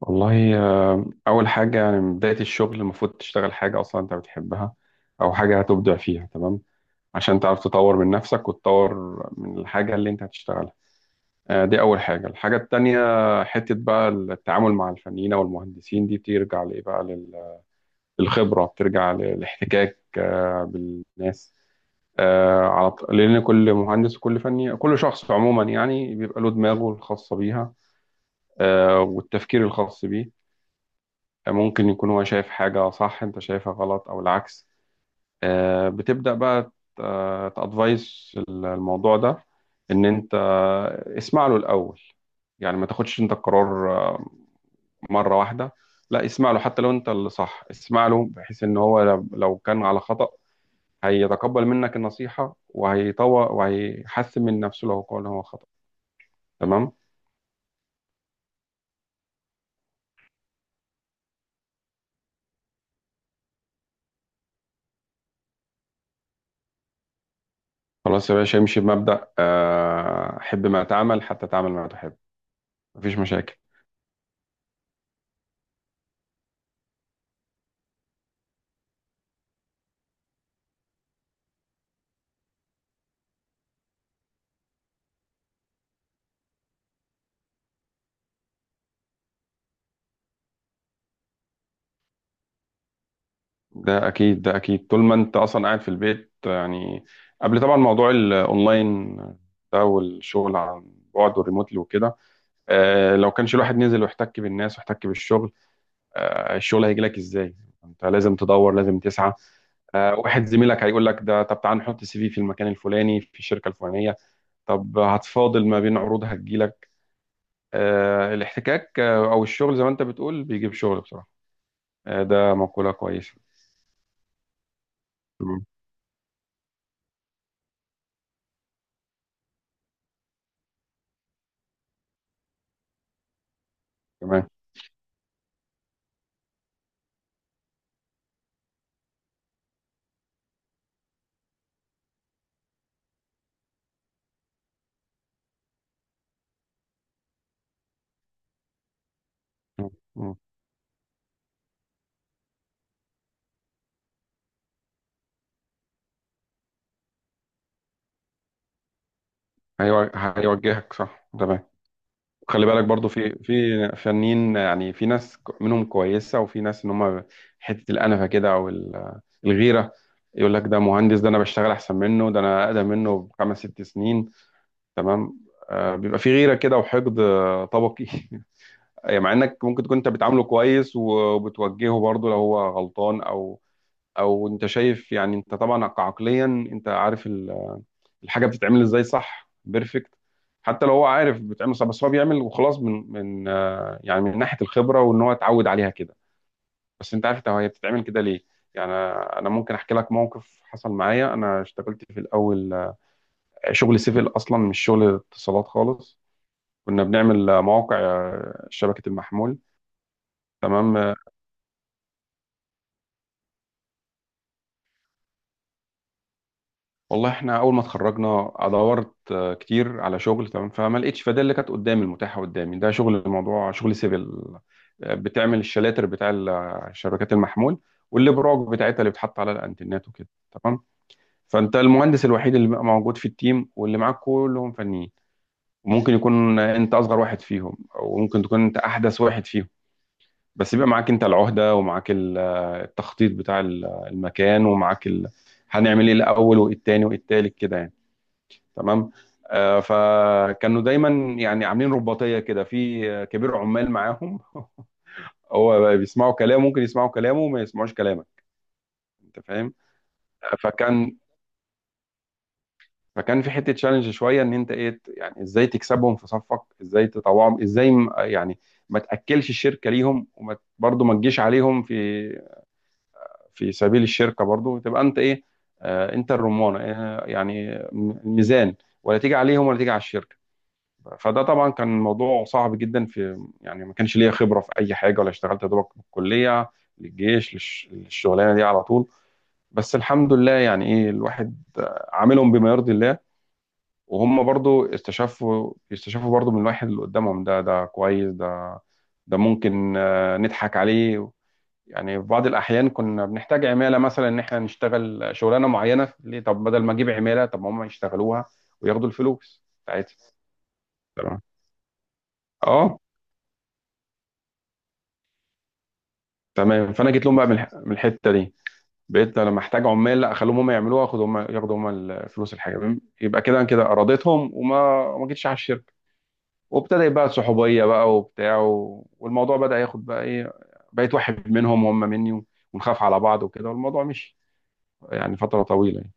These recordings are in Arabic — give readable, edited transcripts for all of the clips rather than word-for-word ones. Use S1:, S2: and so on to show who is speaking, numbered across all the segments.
S1: والله أول حاجة يعني من بداية الشغل المفروض تشتغل حاجة أصلا أنت بتحبها أو حاجة هتبدع فيها. تمام. عشان تعرف تطور من نفسك وتطور من الحاجة اللي أنت هتشتغلها. دي أول حاجة. الحاجة التانية حتة بقى التعامل مع الفنيين أو المهندسين دي بترجع لإيه بقى للخبرة، بترجع للاحتكاك بالناس. لأن كل مهندس وكل فني كل شخص عموما يعني بيبقى له دماغه الخاصة بيها، والتفكير الخاص بيه. ممكن يكون هو شايف حاجة صح انت شايفها غلط او العكس. بتبدأ بقى تأدفايس الموضوع ده ان انت اسمع له الاول، يعني ما تاخدش انت القرار مرة واحدة. لا اسمع له، حتى لو انت اللي صح اسمع له، بحيث ان هو لو كان على خطأ هيتقبل منك النصيحة وهيطور وهيحسن من نفسه، لو قال هو خطأ. تمام. خلاص يا باشا امشي بمبدأ حب ما تعمل حتى تعمل ما تحب. مفيش مشاكل. ده اكيد ده اكيد، طول ما انت اصلا قاعد في البيت يعني قبل طبعا موضوع الاونلاين ده والشغل عن بعد والريموتلي وكده. لو كانش الواحد نزل واحتك بالناس واحتك بالشغل، الشغل هيجي لك ازاي؟ انت لازم تدور لازم تسعى. واحد زميلك هيقول لك ده طب تعال نحط سي في في المكان الفلاني في الشركه الفلانيه. طب هتفاضل ما بين عروض هتجيلك. الاحتكاك، او الشغل زي ما انت بتقول بيجيب شغل بصراحه. ده مقوله كويسه. مم. تمام. مم. هيوجهك صح. تمام. خلي بالك برضو في فنانين، يعني في ناس منهم كويسة وفي ناس ان هم حتة الأنفة كده او الغيرة. يقول لك ده مهندس، ده انا بشتغل احسن منه، ده انا اقدم منه بخمس ست سنين. تمام. بيبقى في غيرة كده وحقد طبقي أي مع انك ممكن تكون انت بتعامله كويس وبتوجهه برضو لو هو غلطان، او او انت شايف يعني انت طبعا عقليا انت عارف الحاجه بتتعمل ازاي صح، بيرفكت. حتى لو هو عارف بتعمل صح بس هو بيعمل وخلاص من يعني من ناحيه الخبره وان هو اتعود عليها كده. بس انت عارف، طب هي بتتعمل كده ليه؟ يعني انا ممكن احكي لك موقف حصل معايا. انا اشتغلت في الاول شغل سيفل اصلا، مش شغل اتصالات خالص. كنا بنعمل مواقع شبكه المحمول. تمام. والله احنا اول ما اتخرجنا دورت كتير على شغل. تمام. فما لقيتش، فده اللي كانت قدامي المتاحه قدامي ده شغل، الموضوع شغل سيفل. بتعمل الشلاتر بتاع شبكات المحمول والابراج بتاعتها اللي بتحط على الانترنت وكده. تمام. فانت المهندس الوحيد اللي بقى موجود في التيم واللي معاك كلهم فنيين. وممكن يكون انت اصغر واحد فيهم او ممكن تكون انت احدث واحد فيهم. بس بيبقى معاك انت العهده، ومعاك التخطيط بتاع المكان، ومعاك هنعمل ايه الاول وايه التاني وايه التالت كده يعني. تمام. فكانوا دايما يعني عاملين رباطيه كده في كبير عمال معاهم هو بقى بيسمعوا كلامه، ممكن يسمعوا كلامه وما يسمعوش كلامك. انت فاهم. آه، فكان فكان في حته تشالنج شويه، ان انت ايه يعني ازاي تكسبهم في صفك، ازاي تطوعهم، ازاي يعني ما تاكلش الشركه ليهم، وما برضه ما تجيش عليهم في سبيل الشركه برضه، تبقى انت ايه؟ انت الرمانه يعني الميزان، ولا تيجي عليهم ولا تيجي على الشركه. فده طبعا كان موضوع صعب جدا، في يعني ما كانش ليا خبره في اي حاجه، ولا اشتغلت يا دوبك من الكليه للجيش للشغلانه دي على طول. بس الحمد لله، يعني ايه، الواحد عاملهم بما يرضي الله. وهم برضو يستشفوا برضو من الواحد اللي قدامهم ده، ده كويس، ده ممكن نضحك عليه. يعني في بعض الاحيان كنا بنحتاج عماله مثلا ان احنا نشتغل شغلانه معينه ليه، طب بدل ما اجيب عماله طب ما هم يشتغلوها وياخدوا الفلوس بتاعتها. تمام. اه. تمام. فانا جيت لهم بقى من من الحته دي، بقيت لما احتاج عمال لا اخليهم هم يعملوها، واخدوا هم ياخدوا هم الفلوس، الحاجه تمام. يبقى كده أنا كده ارادتهم وما ما جيتش على الشركه. وابتدى بقى صحوبيه بقى وبتاع والموضوع بدا ياخد بقى ايه. بقيت واحد منهم وهم مني، ونخاف على بعض وكده، والموضوع مشي يعني فتره طويله يعني.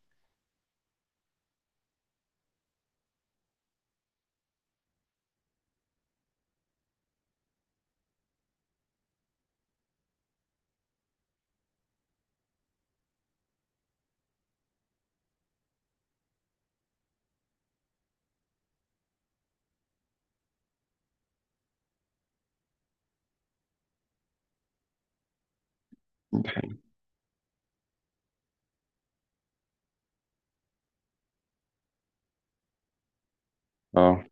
S1: ده حقيقي. اه.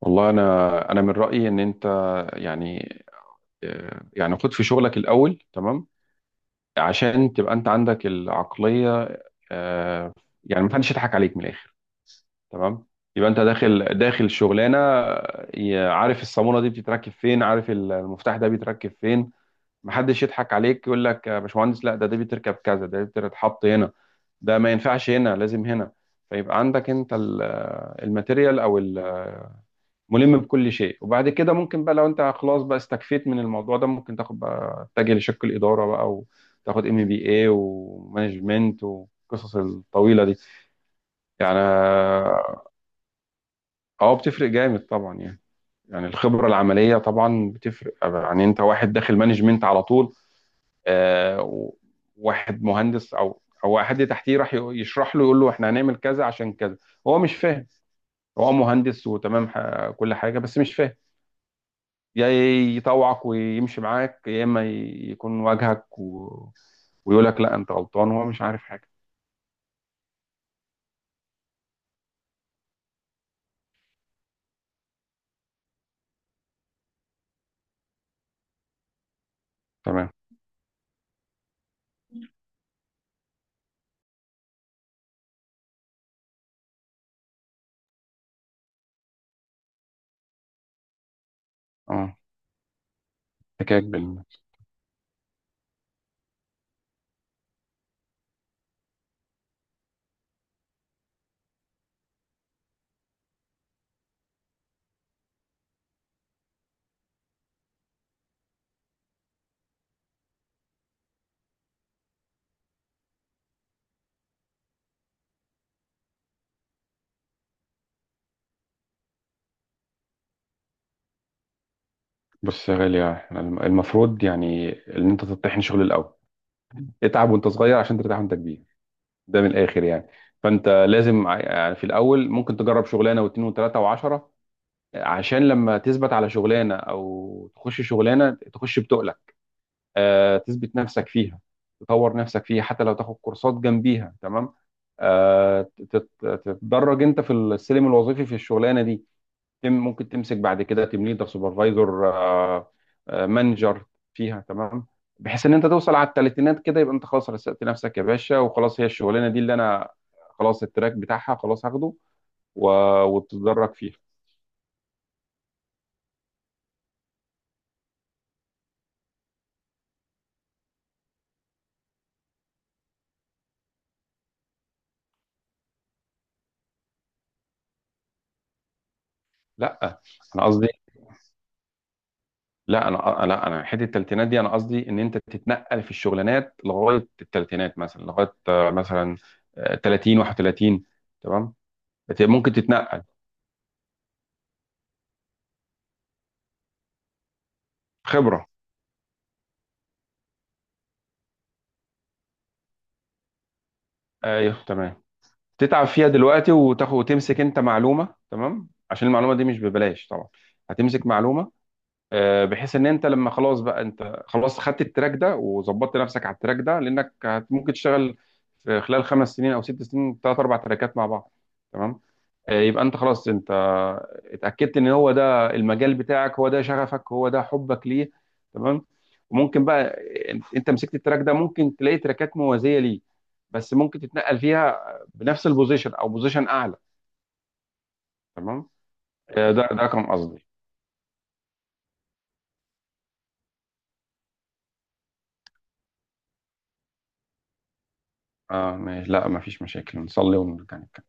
S1: والله انا من رايي ان انت، يعني يعني خد في شغلك الاول. تمام. عشان تبقى انت عندك العقلية آه، يعني محدش يضحك عليك من الاخر. تمام. يبقى انت داخل شغلانة، عارف الصامولة دي بتتركب فين، عارف المفتاح ده بيتركب فين. محدش يضحك عليك يقول لك يا باشمهندس، لا ده بيتركب كذا، ده بيتحط هنا، ده ما ينفعش هنا لازم هنا. فيبقى عندك انت الماتيريال، او ملم بكل شيء. وبعد كده ممكن بقى لو انت خلاص بقى استكفيت من الموضوع ده ممكن تاخد بقى تتجه لشق الإدارة بقى وتاخد MBA ومانجمنت والقصص الطويلة دي. يعني اه بتفرق جامد طبعا، يعني. يعني الخبرة العملية طبعا بتفرق. يعني انت واحد داخل مانجمنت على طول، آه و- واحد مهندس او حد تحتيه راح يشرح له يقول له احنا هنعمل كذا عشان كذا، هو مش فاهم. هو مهندس وتمام، كل حاجة بس مش فاهم. يا يطوعك ويمشي معاك يا اما يكون واجهك ويقول لك لا انت غلطان وهو مش عارف حاجه. تمام. اه. حكاك بال بص يا غالي، احنا المفروض يعني ان انت تطحن شغل الاول. اتعب وانت صغير عشان ترتاح وانت كبير. ده من الاخر يعني. فانت لازم يعني في الاول ممكن تجرب شغلانه واتنين وتلاته وعشره، عشان لما تثبت على شغلانه، او تخش شغلانه تخش بتقل تثبت نفسك فيها، تطور نفسك فيها، حتى لو تاخد كورسات جنبيها. تمام. آه، تت- تتدرج انت في السلم الوظيفي في الشغلانه دي. تم ممكن تمسك بعد كده تيم ليدر، سوبرفايزر، مانجر فيها. تمام. بحيث ان انت توصل على الثلاثينات كده يبقى انت خلاص رسقت نفسك يا باشا. وخلاص هي الشغلانه دي اللي انا خلاص التراك بتاعها خلاص هاخده وتتدرج فيها. لا انا قصدي، لا انا، لا انا حته التلاتينات دي انا قصدي ان انت تتنقل في الشغلانات لغايه التلاتينات مثلا، لغايه مثلا 30 31. تمام. ممكن تتنقل. خبره، ايوه. تمام. تتعب فيها دلوقتي وتاخد وتمسك انت معلومه. تمام. عشان المعلومه دي مش ببلاش طبعا، هتمسك معلومه. بحيث ان انت لما خلاص بقى انت خلاص خدت التراك ده وظبطت نفسك على التراك ده، لانك ممكن تشتغل في خلال 5 سنين او 6 سنين ثلاث اربع تراكات مع بعض. تمام. يبقى انت خلاص انت اتاكدت ان هو ده المجال بتاعك، هو ده شغفك، هو ده حبك ليه. تمام. وممكن بقى انت مسكت التراك ده ممكن تلاقي تراكات موازيه ليه، بس ممكن تتنقل فيها بنفس البوزيشن او بوزيشن اعلى. تمام. ده ده كان قصدي. اه ماشي. لا مفيش مشاكل نصلي ونرجع نتكلم.